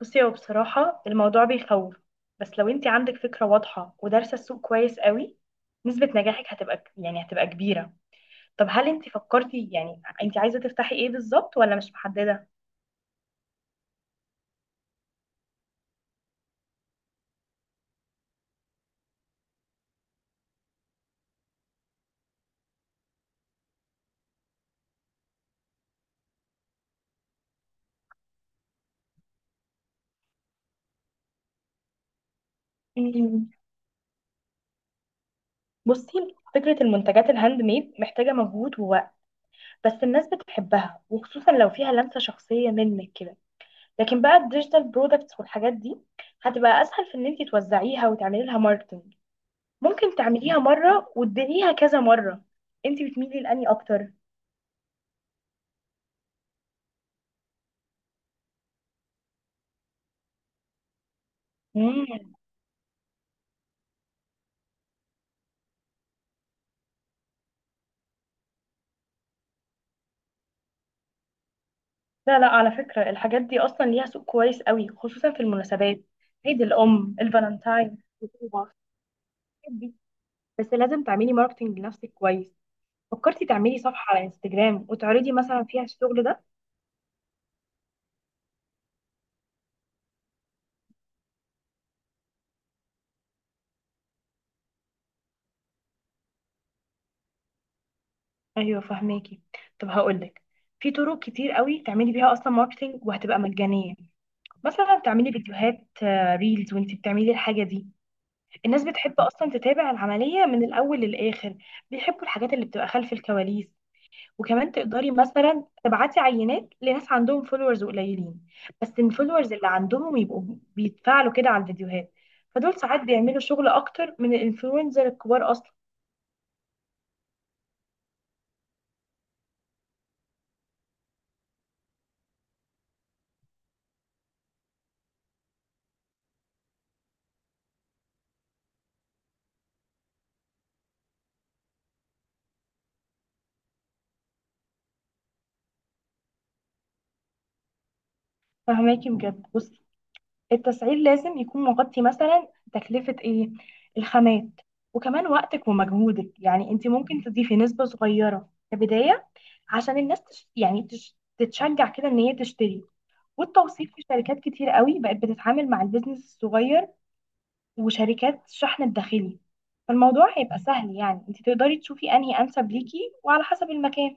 بصي، هو بصراحة الموضوع بيخوف. بس لو انت عندك فكرة واضحة ودارسة السوق كويس قوي، نسبة نجاحك هتبقى كبيرة. طب هل انت فكرتي، يعني انت عايزة تفتحي ايه بالظبط ولا مش محددة؟ مم. بصي، فكرة المنتجات الهاند ميد محتاجة مجهود ووقت، بس الناس بتحبها وخصوصا لو فيها لمسة شخصية منك كده. لكن بقى الديجيتال برودكتس والحاجات دي هتبقى اسهل في ان انت توزعيها وتعملي لها ماركتنج. ممكن تعمليها مرة وتديريها كذا مرة. انت بتميلي لاني اكتر؟ مم. لا لا، على فكرة الحاجات دي أصلا ليها سوق كويس قوي، خصوصا في المناسبات: عيد الأم، الفالنتاين، الخطوبة، الحاجات دي. بس لازم تعملي ماركتينج لنفسك كويس. فكرتي تعملي صفحة على انستجرام وتعرضي مثلا فيها الشغل ده؟ أيوة، فهماكي. طب هقولك، في طرق كتير قوي تعملي بيها أصلا ماركتينج وهتبقى مجانية. مثلا تعملي فيديوهات، آه، ريلز وانتي بتعملي الحاجة دي. الناس بتحب أصلا تتابع العملية من الأول للآخر. بيحبوا الحاجات اللي بتبقى خلف الكواليس. وكمان تقدري مثلا تبعتي عينات لناس عندهم فولورز قليلين، بس الفولورز اللي عندهم يبقوا بيتفاعلوا كده على الفيديوهات. فدول ساعات بيعملوا شغل اكتر من الانفلونزر الكبار اصلا. فهماكي بجد. بصي، التسعير لازم يكون مغطي مثلا تكلفة ايه، الخامات، وكمان وقتك ومجهودك. يعني انت ممكن تضيفي نسبة صغيرة كبداية عشان الناس تتشجع كده ان هي تشتري. والتوثيق، في شركات كتير قوي بقت بتتعامل مع البيزنس الصغير وشركات الشحن الداخلي. فالموضوع هيبقى سهل، يعني انت تقدري تشوفي انهي انسب ليكي وعلى حسب المكان.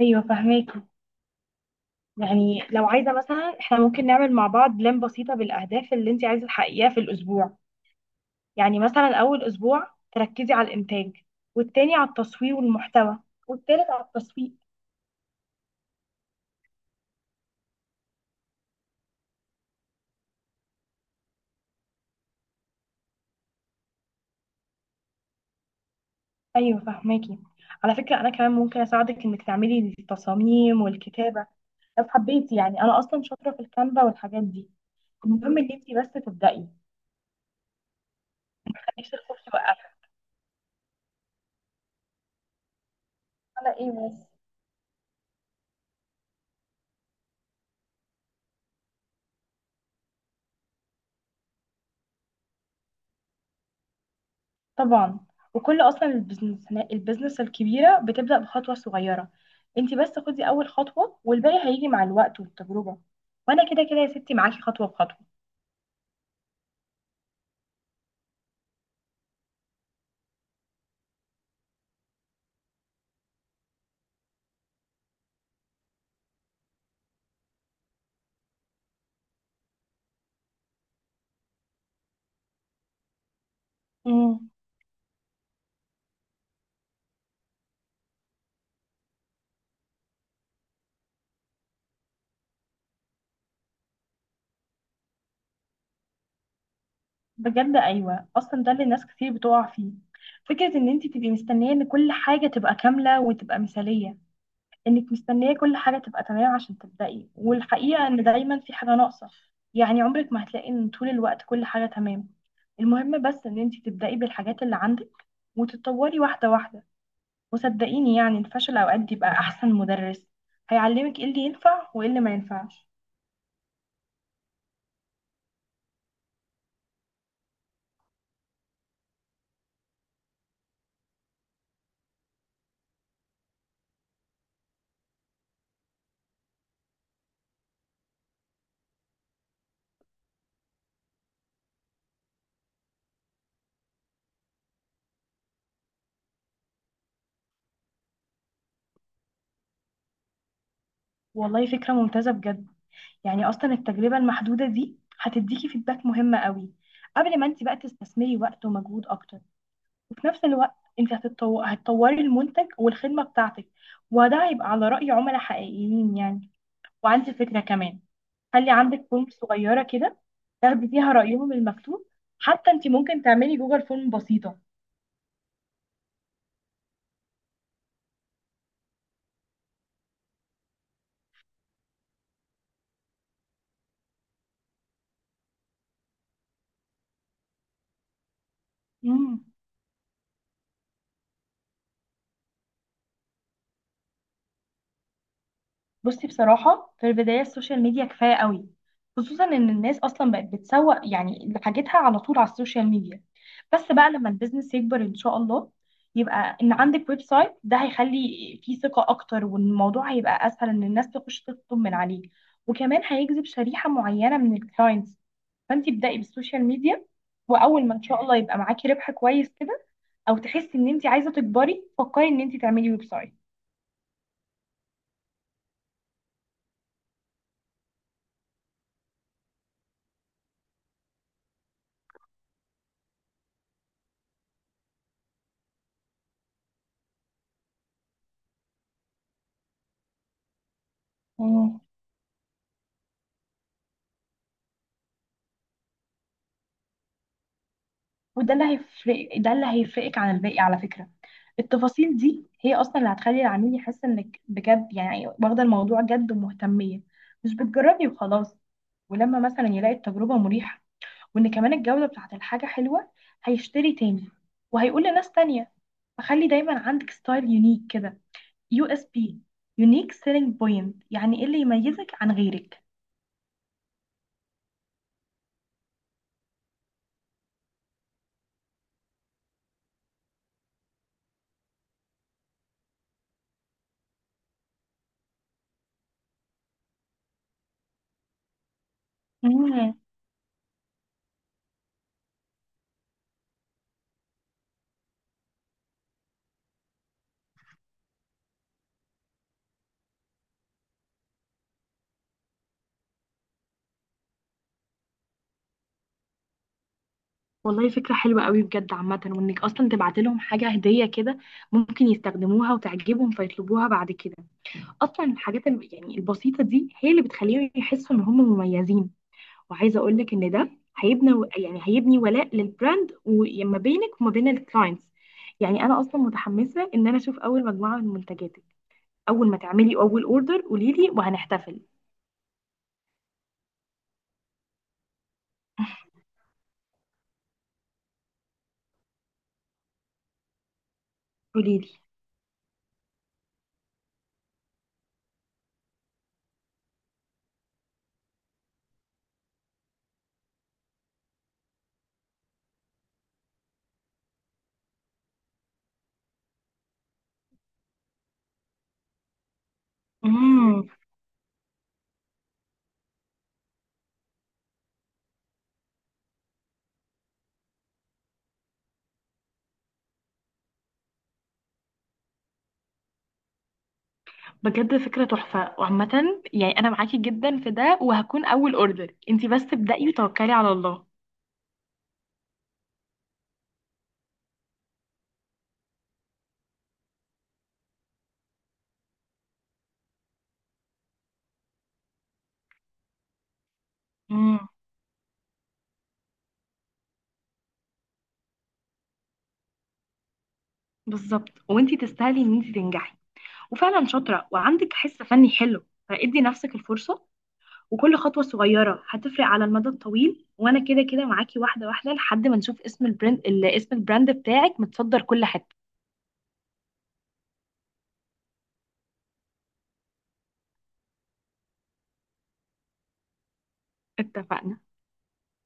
ايوه، فهماكي. يعني لو عايزه مثلا، احنا ممكن نعمل مع بعض بلان بسيطه بالاهداف اللي انت عايزه تحققيها في الاسبوع. يعني مثلا اول اسبوع تركزي على الانتاج، والتاني على التصوير والمحتوى، والتالت على التسويق. ايوه، فهماكي. على فكره انا كمان ممكن اساعدك انك تعملي التصاميم والكتابه لو حبيتي، يعني انا اصلا شاطره في الكانفا والحاجات دي. المهم ان انت بس تبدأي. نفسي الخوف يوقفها. على ايه بس. طبعا. وكل اصلا البزنس الكبيره بتبدا بخطوه صغيره. انت بس خدي اول خطوه والباقي هيجي مع الوقت والتجربه. وانا كده كده يا ستي معاكي خطوه بخطوه. امم. بجد ايوه، اصلا ده اللي ناس كتير بتقع فيه. فكره ان انت تبقي مستنيه ان كل حاجه تبقى كامله وتبقى مثاليه، انك مستنيه كل حاجه تبقى تمام عشان تبدأي، والحقيقه ان دايما في حاجه ناقصه. يعني عمرك ما هتلاقي ان طول الوقت كل حاجه تمام. المهم بس ان انت تبدأي بالحاجات اللي عندك وتتطوري واحده واحده. وصدقيني يعني الفشل اوقات بيبقى احسن مدرس، هيعلمك ايه اللي ينفع وايه اللي ما ينفعش. والله فكره ممتازه بجد. يعني اصلا التجربه المحدوده دي هتديكي فيدباك مهمه قوي قبل ما انت بقى تستثمري وقت ومجهود اكتر. وفي نفس الوقت، انت هتطوري المنتج والخدمة بتاعتك، وده هيبقى على رأي عملاء حقيقيين يعني. وعندي فكرة كمان، خلي عندك فورم صغيرة كده تاخدي فيها رأيهم المكتوب، حتى انت ممكن تعملي جوجل فورم بسيطة. مم. بصي بصراحة في البداية السوشيال ميديا كفاية قوي، خصوصا ان الناس اصلا بقت بتسوق يعني لحاجتها على طول على السوشيال ميديا. بس بقى لما البيزنس يكبر ان شاء الله، يبقى ان عندك ويب سايت، ده هيخلي فيه ثقة اكتر والموضوع هيبقى اسهل ان الناس تخش تطلب من عليه. وكمان هيجذب شريحة معينة من الكلاينتس. فانت ابدأي بالسوشيال ميديا، واول ما ان شاء الله يبقى معاكي ربح كويس كده او تحسي ان انت عايزة تكبري، فكري ان انت تعملي ويب سايت. وده اللي هيفرقك عن الباقي على فكرة. التفاصيل دي هي اصلا اللي هتخلي العميل يحس انك بجد يعني واخدة الموضوع جد ومهتمية، مش بتجربي وخلاص. ولما مثلا يلاقي التجربة مريحة وان كمان الجودة بتاعت الحاجة حلوة، هيشتري تاني وهيقول لناس تانية. فخلي دايما عندك ستايل يونيك كده، يو اس بي، يونيك سيلينج بوينت، يعني ايه اللي يميزك عن غيرك. والله فكرة حلوة قوي بجد عامة، وانك اصلا تبعت لهم حاجة هدية كده، ممكن يستخدموها وتعجبهم فيطلبوها بعد كده. اصلا الحاجات يعني البسيطة دي هي اللي بتخليهم يحسوا ان هم مميزين. وعايزة اقول لك ان ده هيبني هيبني ولاء للبراند وما بينك وما بين الكلاينتس. يعني انا اصلا متحمسة ان انا اشوف اول مجموعة من منتجاتك. اول ما تعملي اول اوردر قولي لي وهنحتفل. قولي لي بجد فكرة تحفة وعامة يعني، أنا معاكي جدا في ده وهكون أول أوردر، انتي بس ابدأي وتوكلي على الله. امم. بالظبط، وانتي تستاهلي إن انتي تنجحي وفعلا شاطرة وعندك حس فني حلو، فادي نفسك الفرصة. وكل خطوة صغيرة هتفرق على المدى الطويل، وأنا كده كده معاكي واحدة واحدة لحد ما نشوف اسم البراند اسم البراند بتاعك متصدر كل حتة. اتفقنا.